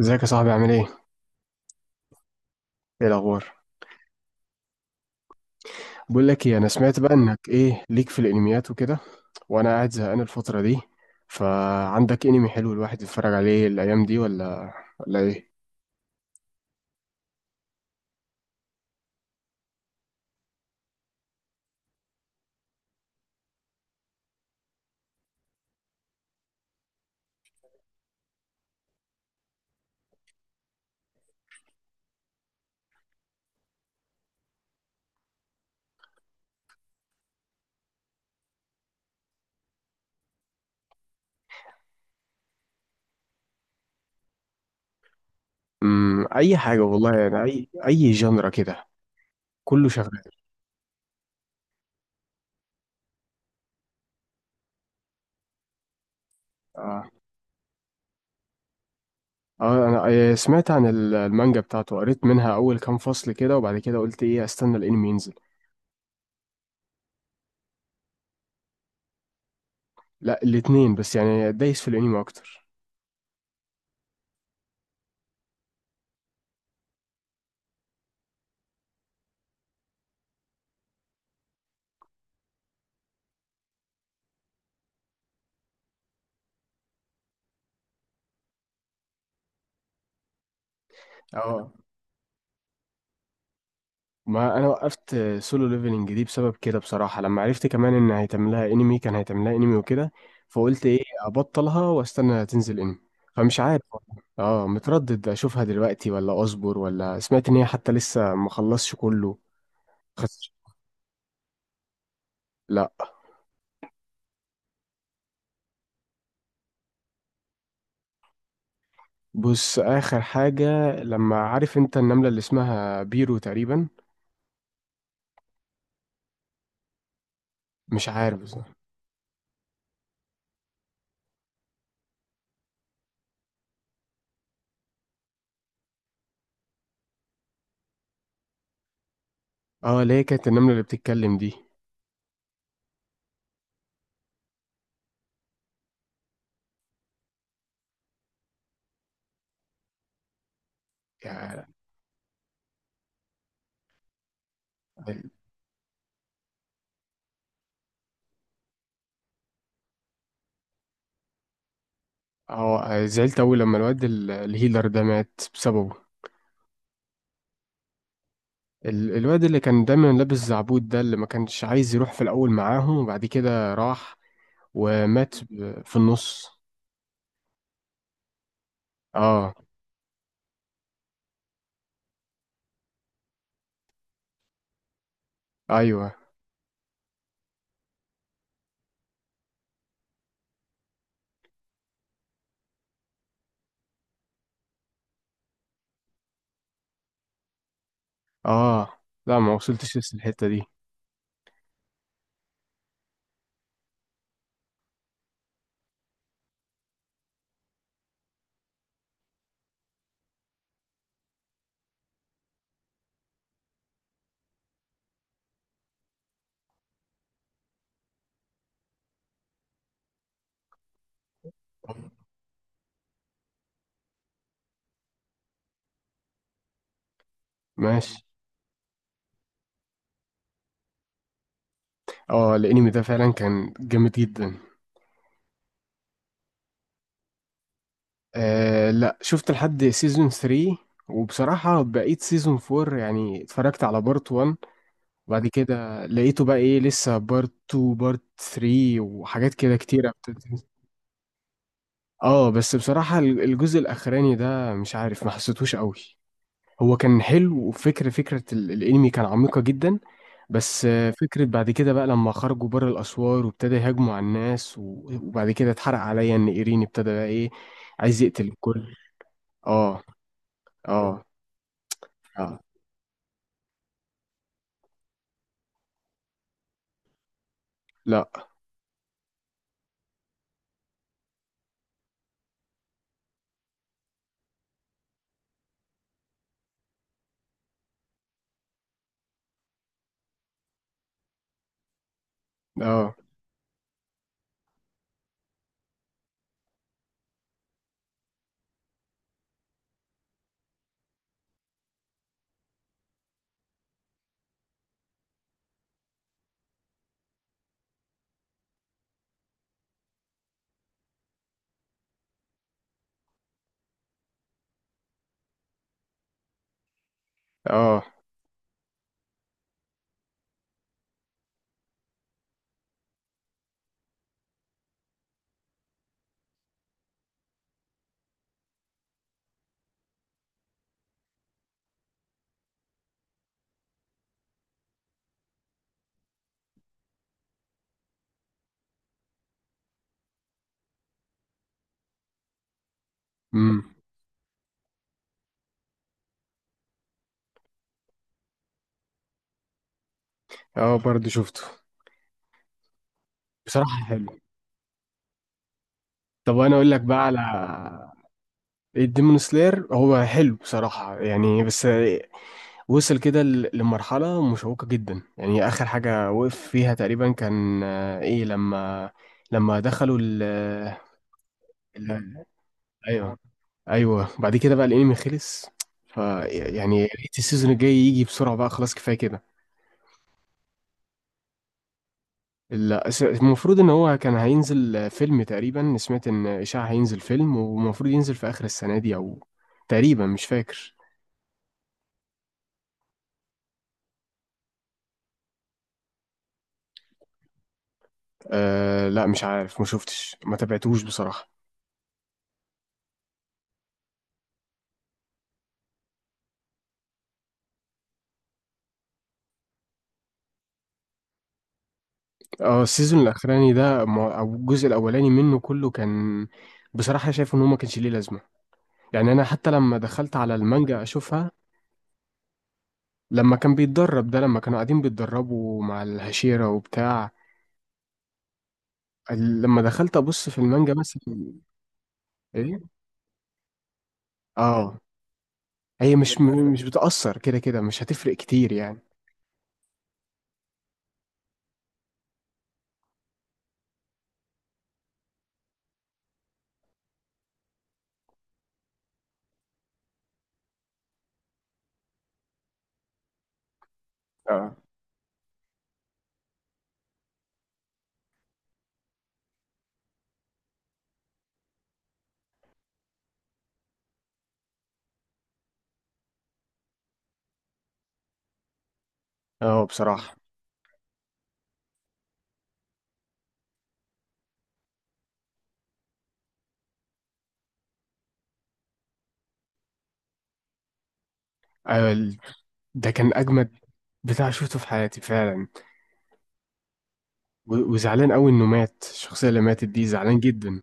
ازيك يا صاحبي، عامل ايه؟ ايه الاخبار؟ بقول لك ايه، انا سمعت بقى انك ايه ليك في الانميات وكده، وانا قاعد زهقان الفترة دي، فعندك انمي حلو الواحد يتفرج عليه الايام دي؟ ولا ايه؟ اي حاجة والله، يعني اي جنرا كده. كله شغال. اه، اه، انا سمعت عن المانجا بتاعته، قريت منها اول كام فصل كده، وبعد كده قلت ايه استنى الانمي ينزل. لا، الاتنين، بس يعني دايس في الانمي اكتر. اه، ما انا وقفت سولو ليفلنج دي بسبب كده بصراحه، لما عرفت كمان ان هيتعمل لها انمي، كان هيتعمل لها انمي وكده. فقلت ايه ابطلها واستنى تنزل انمي. فمش عارف والله. اه، متردد اشوفها دلوقتي ولا اصبر، ولا سمعت ان هي حتى لسه ما خلصش كله. خس... لا. بص، اخر حاجه، لما، عارف انت النمله اللي اسمها بيرو تقريبا؟ مش عارف بصراحه. اه، اللي هي كانت النمله اللي بتتكلم دي. يعني- اه، زعلت اوي لما الواد الهيلر ده مات بسببه. الواد اللي كان دايما لابس زعبود ده، اللي ما كانش عايز يروح في الأول معاهم وبعد كده راح ومات في النص. اه. ايوه. اه، لا، ما وصلتش لسه الحتة دي. ماشي. اه، الانمي ده فعلا كان جامد جدا. آه لا، شفت لحد سيزون 3، وبصراحة بقيت سيزون 4، يعني اتفرجت على بارت 1، وبعد كده لقيته بقى ايه، لسه بارت 2، بارت 3 وحاجات كده كتيرة. اه، بس بصراحة الجزء الأخراني ده مش عارف، ما حسيتهوش قوي. هو كان حلو، وفكرة الأنمي كان عميقة جدا. بس فكرة بعد كده بقى لما خرجوا بره الأسوار، وابتدى يهاجموا على الناس، وبعد كده اتحرق عليا إن إيرين ابتدى بقى إيه، عايز يقتل الكل. اه. اه. اه، لا. اه، اه. امم اه، برضه شفته، بصراحة حلو. طب أنا أقول لك بقى على الديمون سلاير. هو حلو بصراحة يعني، بس وصل كده لمرحلة مشوقة جدا، يعني آخر حاجة وقف فيها تقريبا كان إيه، لما، لما دخلوا ال- أيوه. أيوه، بعد كده بقى الأنمي خلص. ف يعني يا ريت السيزون الجاي يجي بسرعة بقى، خلاص كفاية كده. المفروض إن هو كان هينزل فيلم تقريبا، سمعت إن إشاعة هينزل فيلم، ومفروض ينزل في آخر السنة دي، أو تقريبا، مش فاكر. أه لا، مش عارف، ما شفتش، ما تابعتهوش بصراحة. اه، السيزون الاخراني ده او الجزء الاولاني منه كله كان، بصراحه شايف ان هو ما كانش ليه لازمه. يعني انا حتى لما دخلت على المانجا اشوفها، لما كان بيتدرب ده، لما كانوا قاعدين بيتدربوا مع الهشيرة وبتاع، لما دخلت ابص في المانجا مثلا. ايه. اه، هي مش بتأثر، كده كده مش هتفرق كتير يعني. اه. اه، بصراحه، آه، ال- ده كان اجمد بتاع شفته في حياتي فعلا. وزعلان قوي انه مات، الشخصيه اللي ماتت دي زعلان جدا.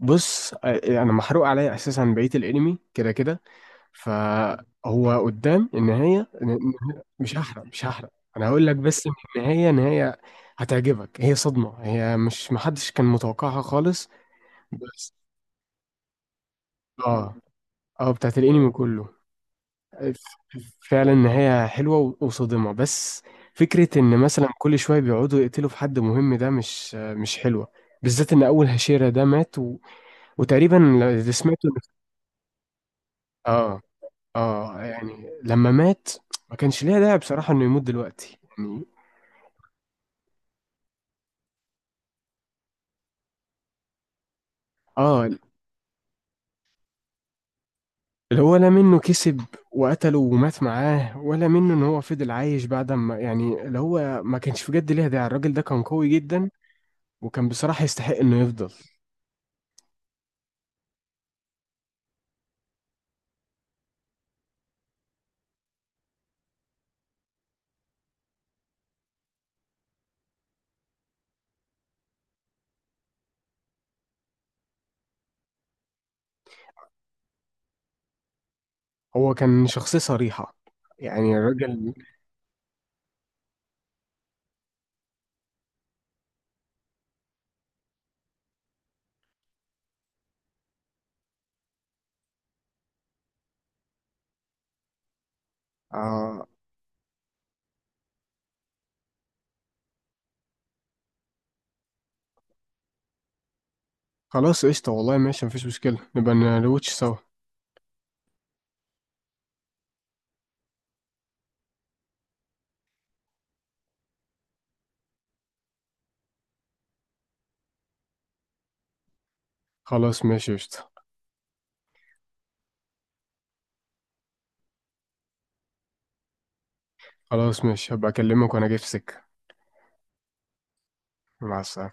بص، انا محروق عليا اساسا بقيه الانمي كده كده. فهو قدام النهايه، مش هحرق، مش هحرق. انا هقول لك بس إن النهايه، نهايه هتعجبك. هي صدمه، هي مش، محدش كان متوقعها خالص. بس. اه. اه، بتاعت الانمي كله. آه، فعلا نهايه حلوه وصادمه. بس فكره ان مثلا كل شويه بيقعدوا يقتلوا في حد مهم ده مش حلوه. بالذات ان اول هشيرة ده مات وتقريبا اللي سمعته اه. اه يعني لما مات، ما كانش ليها داعي بصراحة انه يموت دلوقتي يعني. اه، اللي هو لا منه كسب وقتله ومات معاه، ولا منه ان هو فضل عايش بعد ما، يعني اللي هو، ما كانش بجد ليها داعي. الراجل ده كان قوي جدا، وكان بصراحة يستحق انه يفضل. هو كان شخصية صريحة يعني، الراجل. آه خلاص قشطة والله، ماشي، مفيش مشكلة، نبقى نلوتش سوا. خلاص ماشي قشطة. خلاص ماشي، هبقى اكلمك وانا جاي في سكة. مع السلامة.